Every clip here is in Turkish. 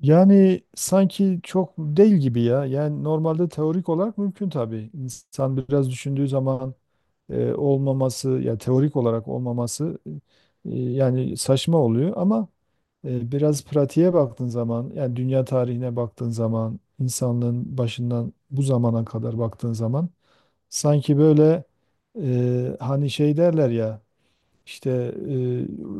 Yani sanki çok değil gibi ya. Yani normalde teorik olarak mümkün tabii. İnsan biraz düşündüğü zaman olmaması, ya teorik olarak olmaması yani saçma oluyor ama biraz pratiğe baktığın zaman, yani dünya tarihine baktığın zaman, insanlığın başından bu zamana kadar baktığın zaman sanki böyle hani şey derler ya. İşte e,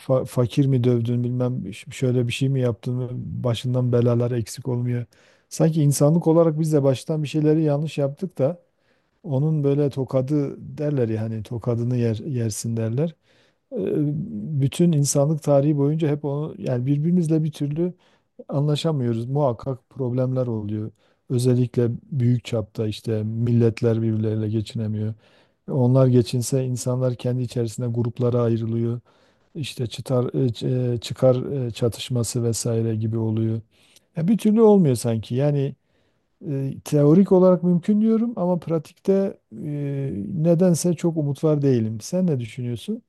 fakir mi dövdün bilmem şöyle bir şey mi yaptın mı başından belalar eksik olmuyor. Sanki insanlık olarak biz de baştan bir şeyleri yanlış yaptık da onun böyle tokadı derler ya hani tokadını yer, yersin derler. E, bütün insanlık tarihi boyunca hep onu yani birbirimizle bir türlü anlaşamıyoruz. Muhakkak problemler oluyor. Özellikle büyük çapta işte milletler birbirleriyle geçinemiyor. Onlar geçinse insanlar kendi içerisinde gruplara ayrılıyor. İşte çıtar, e, ç- e, çıkar çatışması vesaire gibi oluyor. Ya bir türlü olmuyor sanki. Yani teorik olarak mümkün diyorum ama pratikte nedense çok umut var değilim. Sen ne düşünüyorsun?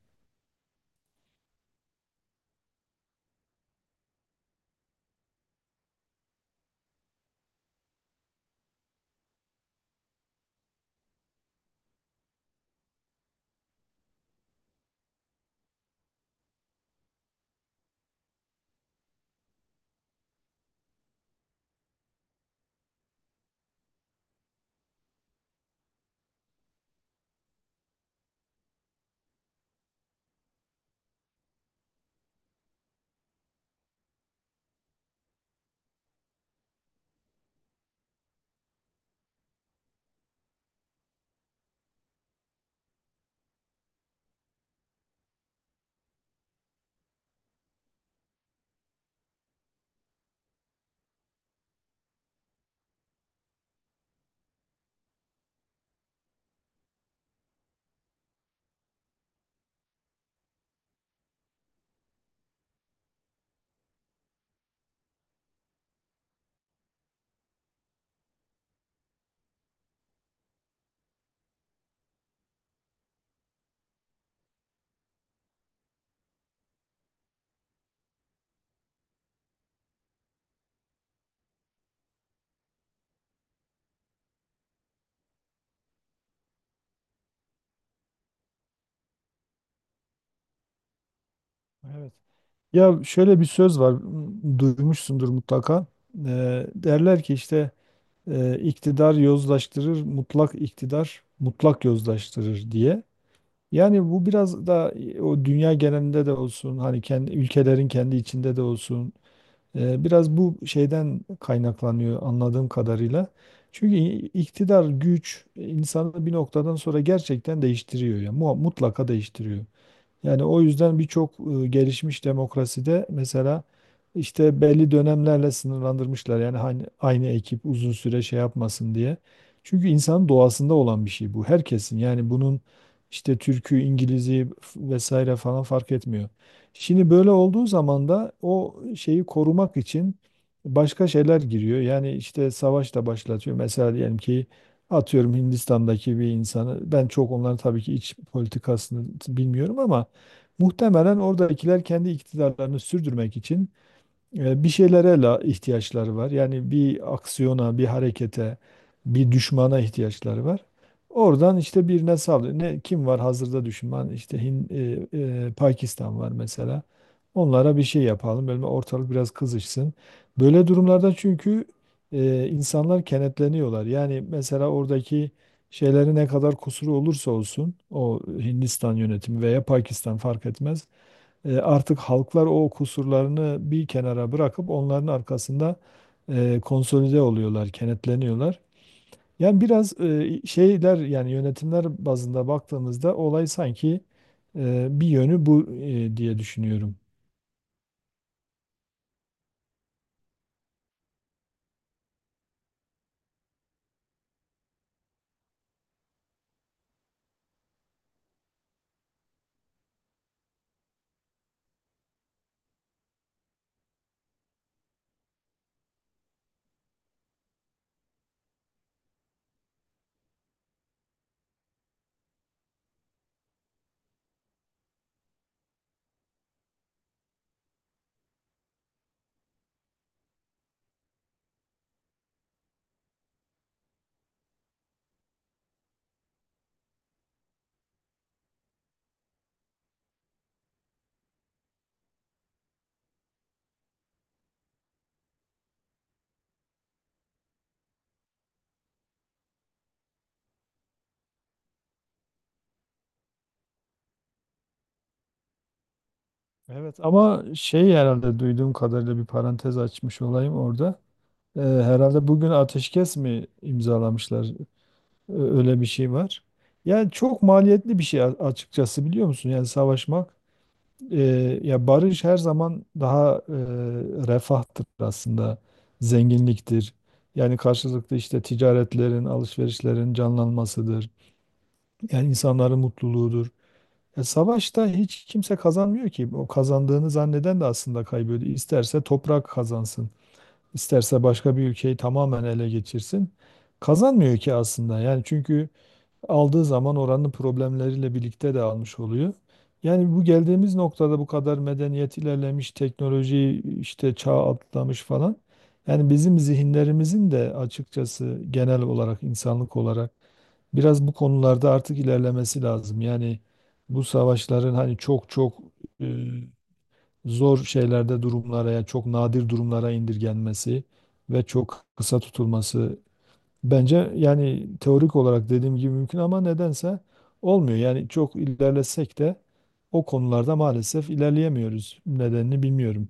Evet. Ya şöyle bir söz var, duymuşsundur mutlaka. Derler ki işte iktidar yozlaştırır, mutlak iktidar mutlak yozlaştırır diye. Yani bu biraz da o dünya genelinde de olsun, hani kendi ülkelerin kendi içinde de olsun. Biraz bu şeyden kaynaklanıyor anladığım kadarıyla. Çünkü iktidar, güç, insanı bir noktadan sonra gerçekten değiştiriyor ya. Mutlaka değiştiriyor. Yani o yüzden birçok gelişmiş demokraside mesela işte belli dönemlerle sınırlandırmışlar. Yani hani aynı ekip uzun süre şey yapmasın diye. Çünkü insanın doğasında olan bir şey bu. Herkesin yani bunun işte Türk'ü, İngiliz'i vesaire falan fark etmiyor. Şimdi böyle olduğu zaman da o şeyi korumak için başka şeyler giriyor. Yani işte savaş da başlatıyor. Mesela diyelim ki atıyorum Hindistan'daki bir insanı ben çok onların tabii ki iç politikasını bilmiyorum ama muhtemelen oradakiler kendi iktidarlarını sürdürmek için bir şeylere la ihtiyaçları var. Yani bir aksiyona, bir harekete, bir düşmana ihtiyaçları var. Oradan işte birine saldırıyor. Ne, kim var hazırda düşman? İşte Pakistan var mesela. Onlara bir şey yapalım. Böyle ortalık biraz kızışsın. Böyle durumlarda çünkü insanlar kenetleniyorlar. Yani mesela oradaki şeyleri ne kadar kusuru olursa olsun o Hindistan yönetimi veya Pakistan fark etmez. Artık halklar o kusurlarını bir kenara bırakıp onların arkasında konsolide oluyorlar, kenetleniyorlar. Yani biraz şeyler yani yönetimler bazında baktığımızda olay sanki bir yönü bu diye düşünüyorum. Evet ama şey herhalde duyduğum kadarıyla bir parantez açmış olayım orada. Herhalde bugün ateşkes mi imzalamışlar? Öyle bir şey var. Yani çok maliyetli bir şey açıkçası biliyor musun? Yani savaşmak. E, ya barış her zaman daha refahtır aslında, zenginliktir. Yani karşılıklı işte ticaretlerin, alışverişlerin canlanmasıdır. Yani insanların mutluluğudur. Savaşta hiç kimse kazanmıyor ki. O kazandığını zanneden de aslında kaybediyor. İsterse toprak kazansın, isterse başka bir ülkeyi tamamen ele geçirsin. Kazanmıyor ki aslında. Yani çünkü aldığı zaman oranın problemleriyle birlikte de almış oluyor. Yani bu geldiğimiz noktada bu kadar medeniyet ilerlemiş, teknoloji işte çağ atlamış falan. Yani bizim zihinlerimizin de açıkçası genel olarak insanlık olarak biraz bu konularda artık ilerlemesi lazım. Yani bu savaşların hani çok çok e, zor şeylerde durumlara, yani çok nadir durumlara indirgenmesi ve çok kısa tutulması. Bence yani teorik olarak dediğim gibi mümkün ama nedense olmuyor. Yani çok ilerlesek de o konularda maalesef ilerleyemiyoruz. Nedenini bilmiyorum.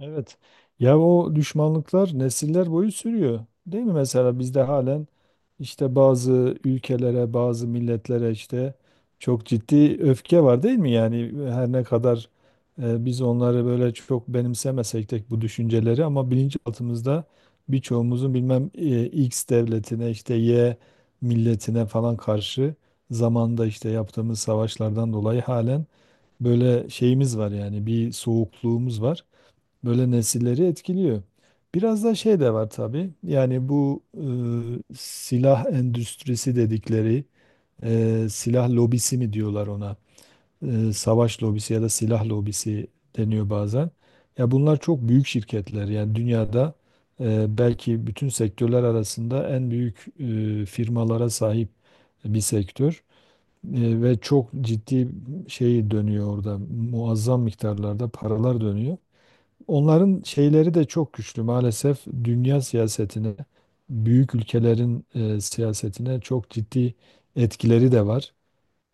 Evet. Ya o düşmanlıklar nesiller boyu sürüyor. Değil mi? Mesela bizde halen işte bazı ülkelere, bazı milletlere işte çok ciddi öfke var değil mi? Yani her ne kadar biz onları böyle çok benimsemesek de bu düşünceleri ama bilinçaltımızda birçoğumuzun bilmem X devletine işte Y milletine falan karşı zamanda işte yaptığımız savaşlardan dolayı halen böyle şeyimiz var yani bir soğukluğumuz var böyle nesilleri etkiliyor. Biraz da şey de var tabii. Yani bu silah endüstrisi dedikleri silah lobisi mi diyorlar ona? Savaş lobisi ya da silah lobisi deniyor bazen. Ya bunlar çok büyük şirketler. Yani dünyada belki bütün sektörler arasında en büyük firmalara sahip bir sektör. Ve çok ciddi şey dönüyor orada. Muazzam miktarlarda paralar dönüyor. Onların şeyleri de çok güçlü maalesef dünya siyasetine, büyük ülkelerin siyasetine çok ciddi etkileri de var.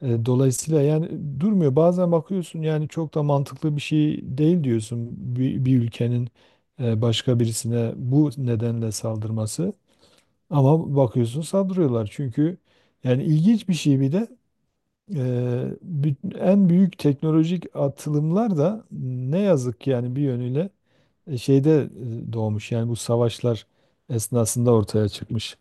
Dolayısıyla yani durmuyor. Bazen bakıyorsun yani çok da mantıklı bir şey değil diyorsun bir ülkenin başka birisine bu nedenle saldırması. Ama bakıyorsun saldırıyorlar çünkü yani ilginç bir şey bir de e, en büyük teknolojik atılımlar da ne yazık ki yani bir yönüyle şeyde doğmuş yani bu savaşlar esnasında ortaya çıkmış.